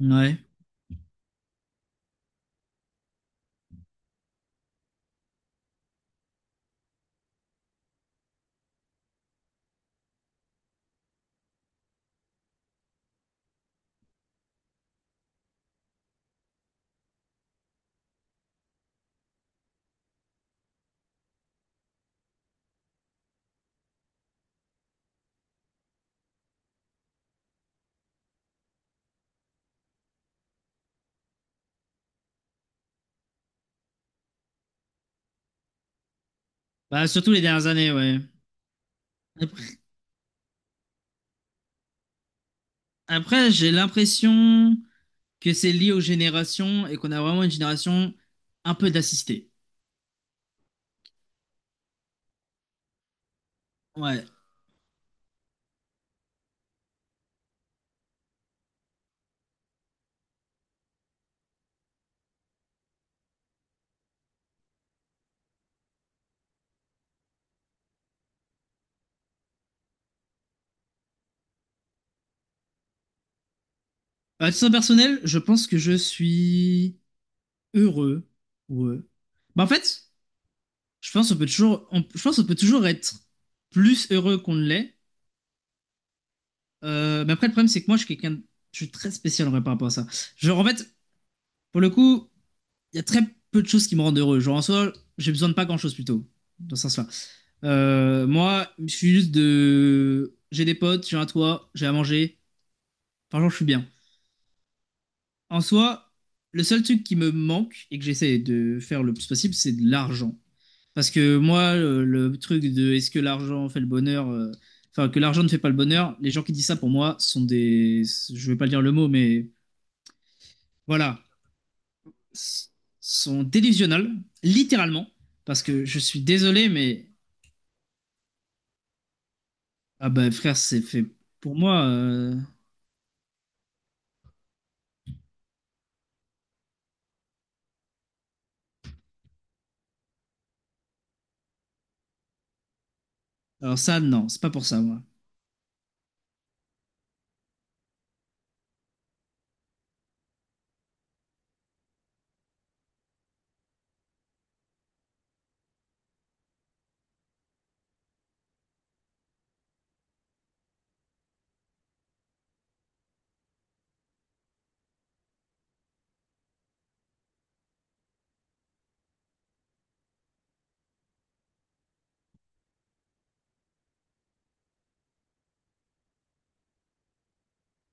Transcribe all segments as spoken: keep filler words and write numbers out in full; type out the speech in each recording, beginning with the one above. Ouais. Bah, surtout les dernières années, ouais. Après, après, j'ai l'impression que c'est lié aux générations et qu'on a vraiment une génération un peu d'assistée. Ouais. À titre personnel, je pense que je suis heureux. Ouais. Bah, en fait, je pense qu'on peut toujours, on- je pense qu'on peut toujours être plus heureux qu'on ne l'est. Euh, mais après, le problème, c'est que moi, je suis quelqu'un, de- je suis très spécial en vrai par rapport à ça. Genre, en fait, pour le coup, il y a très peu de choses qui me rendent heureux. Genre, en soi, j'ai besoin de pas grand-chose plutôt, dans ce sens. Euh, moi, je suis juste de. J'ai des potes, j'ai un toit, j'ai à manger. Franchement, je suis bien. En soi, le seul truc qui me manque et que j'essaie de faire le plus possible, c'est de l'argent. Parce que moi, le, le truc de est-ce que l'argent fait le bonheur, euh, enfin que l'argent ne fait pas le bonheur. Les gens qui disent ça pour moi sont des, je vais pas dire le mot, mais voilà, S- sont délusionnels, littéralement. Parce que je suis désolé, mais ah ben frère, c'est fait pour moi. euh, Alors ça, non, c'est pas pour ça, moi.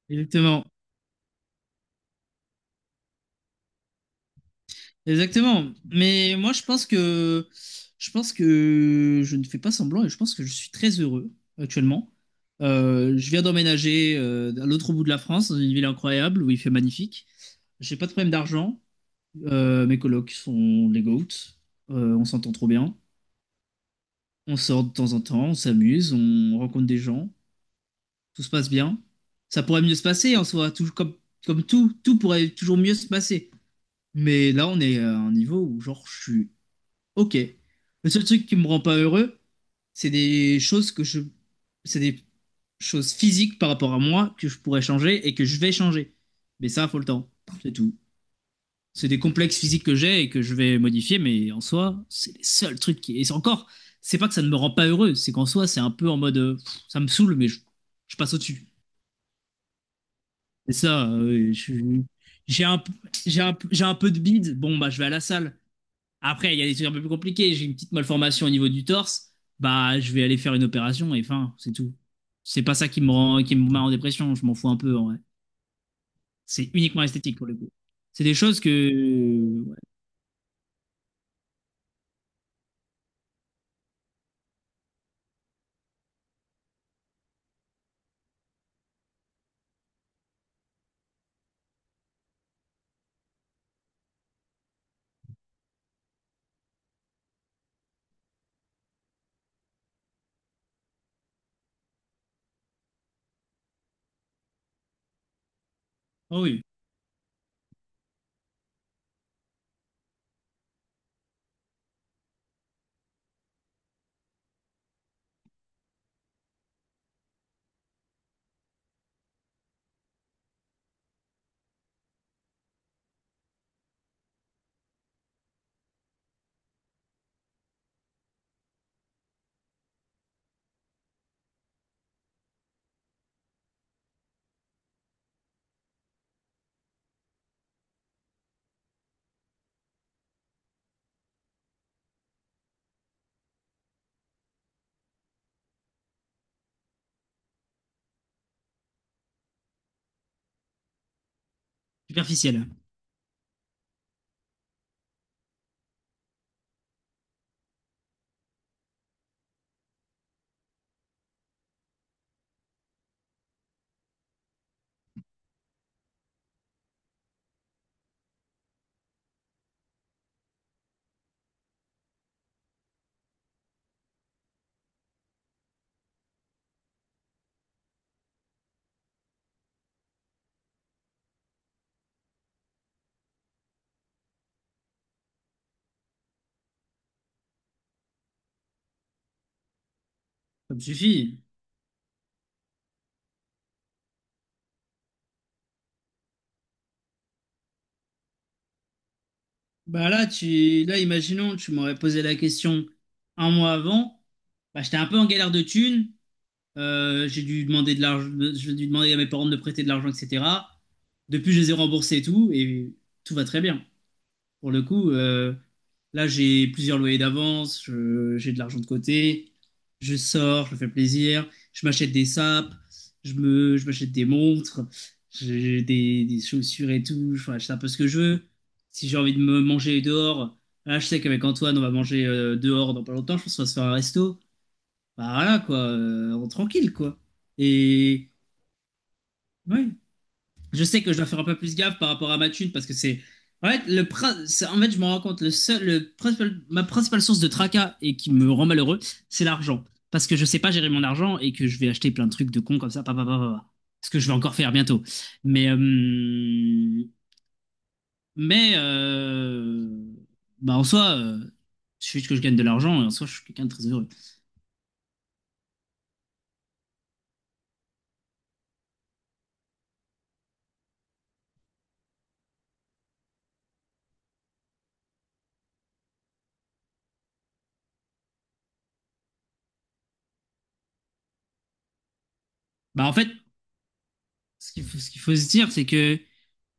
Exactement, exactement. Mais moi, je pense que je pense que je ne fais pas semblant et je pense que je suis très heureux actuellement. Euh, je viens d'emménager euh, à l'autre bout de la France, dans une ville incroyable où il fait magnifique. J'ai pas de problème d'argent. Euh, mes colocs sont les goats. Euh, on s'entend trop bien. On sort de temps en temps, on s'amuse, on rencontre des gens. Tout se passe bien. Ça pourrait mieux se passer en soi, tout comme comme tout, tout pourrait toujours mieux se passer. Mais là, on est à un niveau où genre je suis. Ok. Le seul truc qui me rend pas heureux, c'est des choses que je, c'est des choses physiques par rapport à moi que je pourrais changer et que je vais changer. Mais ça, faut le temps. C'est tout. C'est des complexes physiques que j'ai et que je vais modifier, mais en soi, c'est les seuls trucs qui... Et c'est encore, c'est pas que ça ne me rend pas heureux, c'est qu'en soi, c'est un peu en mode, euh, pff, ça me saoule, mais je, je passe au-dessus. Et ça, euh, je- j'ai un, p- j'ai un, p- j'ai un peu de bide. Bon, bah, je vais à la salle. Après, il y a des trucs un peu plus compliqués. J'ai une petite malformation au niveau du torse. Bah, je vais aller faire une opération et fin, c'est tout. C'est pas ça qui me rend, qui me met en dépression. Je m'en fous un peu, en vrai. C'est uniquement esthétique pour le coup. C'est des choses que, ouais. Oh oui, superficielles. Ça me suffit. Bah là, tu, là, imaginons, tu m'aurais posé la question un mois avant. Bah, j'étais un peu en galère de thunes. Euh, j'ai dû demander de l'argent, j'ai dû demander à mes parents de me prêter de l'argent, et cetera. Depuis, je les ai remboursés et tout, et tout va très bien. Pour le coup, euh, là, j'ai plusieurs loyers d'avance, je- j'ai de l'argent de côté, je sors, je me fais plaisir, je m'achète des sapes, je me, je m'achète des montres, j'ai des, des chaussures et tout, enfin, je sais un peu ce que je veux. Si j'ai envie de me manger dehors, là, je sais qu'avec Antoine, on va manger euh, dehors dans pas longtemps, je pense qu'on va se faire un resto. Bah voilà, quoi, euh, on- tranquille, quoi. Et ouais, je sais que je dois faire un peu plus gaffe par rapport à ma thune parce que c'est. En fait, le prin- c'est- en fait, je me rends compte, le seul, le principal- ma principale source de tracas et qui me rend malheureux, c'est l'argent. Parce que je sais pas gérer mon argent et que je vais acheter plein de trucs de cons comme ça, pa, pa, pa, pa, pa. Ce que je vais encore faire bientôt. Mais, euh, mais euh, bah en soi, euh, il suffit que je gagne de l'argent et en soi, je suis quelqu'un de très heureux. Bah en fait, ce qu'il faut, ce qu'il faut se dire, c'est que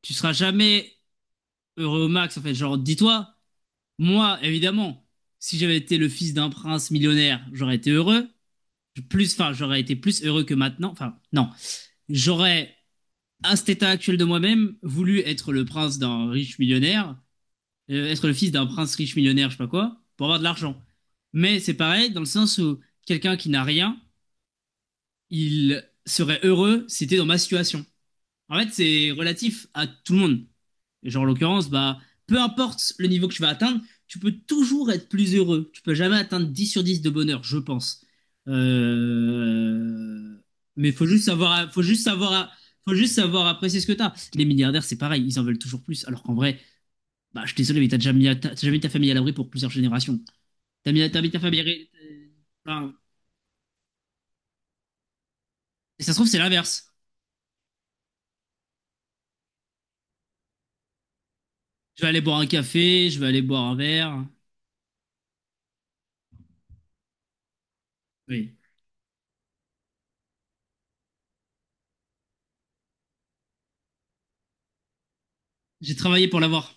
tu seras jamais heureux au max. En fait, genre, dis-toi. Moi, évidemment, si j'avais été le fils d'un prince millionnaire, j'aurais été heureux. Plus, enfin, j'aurais été plus heureux que maintenant. Enfin, non. J'aurais, à cet état actuel de moi-même, voulu être le prince d'un riche millionnaire, euh, être le fils d'un prince riche millionnaire, je sais pas quoi, pour avoir de l'argent. Mais c'est pareil, dans le sens où quelqu'un qui n'a rien, il serait heureux, si c'était dans ma situation. En fait, c'est relatif à tout le monde. Et genre, en l'occurrence, bah, peu importe le niveau que tu vas atteindre, tu peux toujours être plus heureux. Tu peux jamais atteindre dix sur dix de bonheur, je pense. Euh... Mais faut juste savoir, faut juste savoir, faut juste savoir apprécier ce que t'as. Les milliardaires, c'est pareil, ils en veulent toujours plus. Alors qu'en vrai, bah, je suis désolé, mais t'as déjà mis, t'as t'as jamais mis ta famille à l'abri pour plusieurs générations. T'as mis, t'as mis ta famille. à l'abri- euh, enfin, et ça se trouve, c'est l'inverse. Je vais aller boire un café, je vais aller boire un verre. Oui. J'ai travaillé pour l'avoir.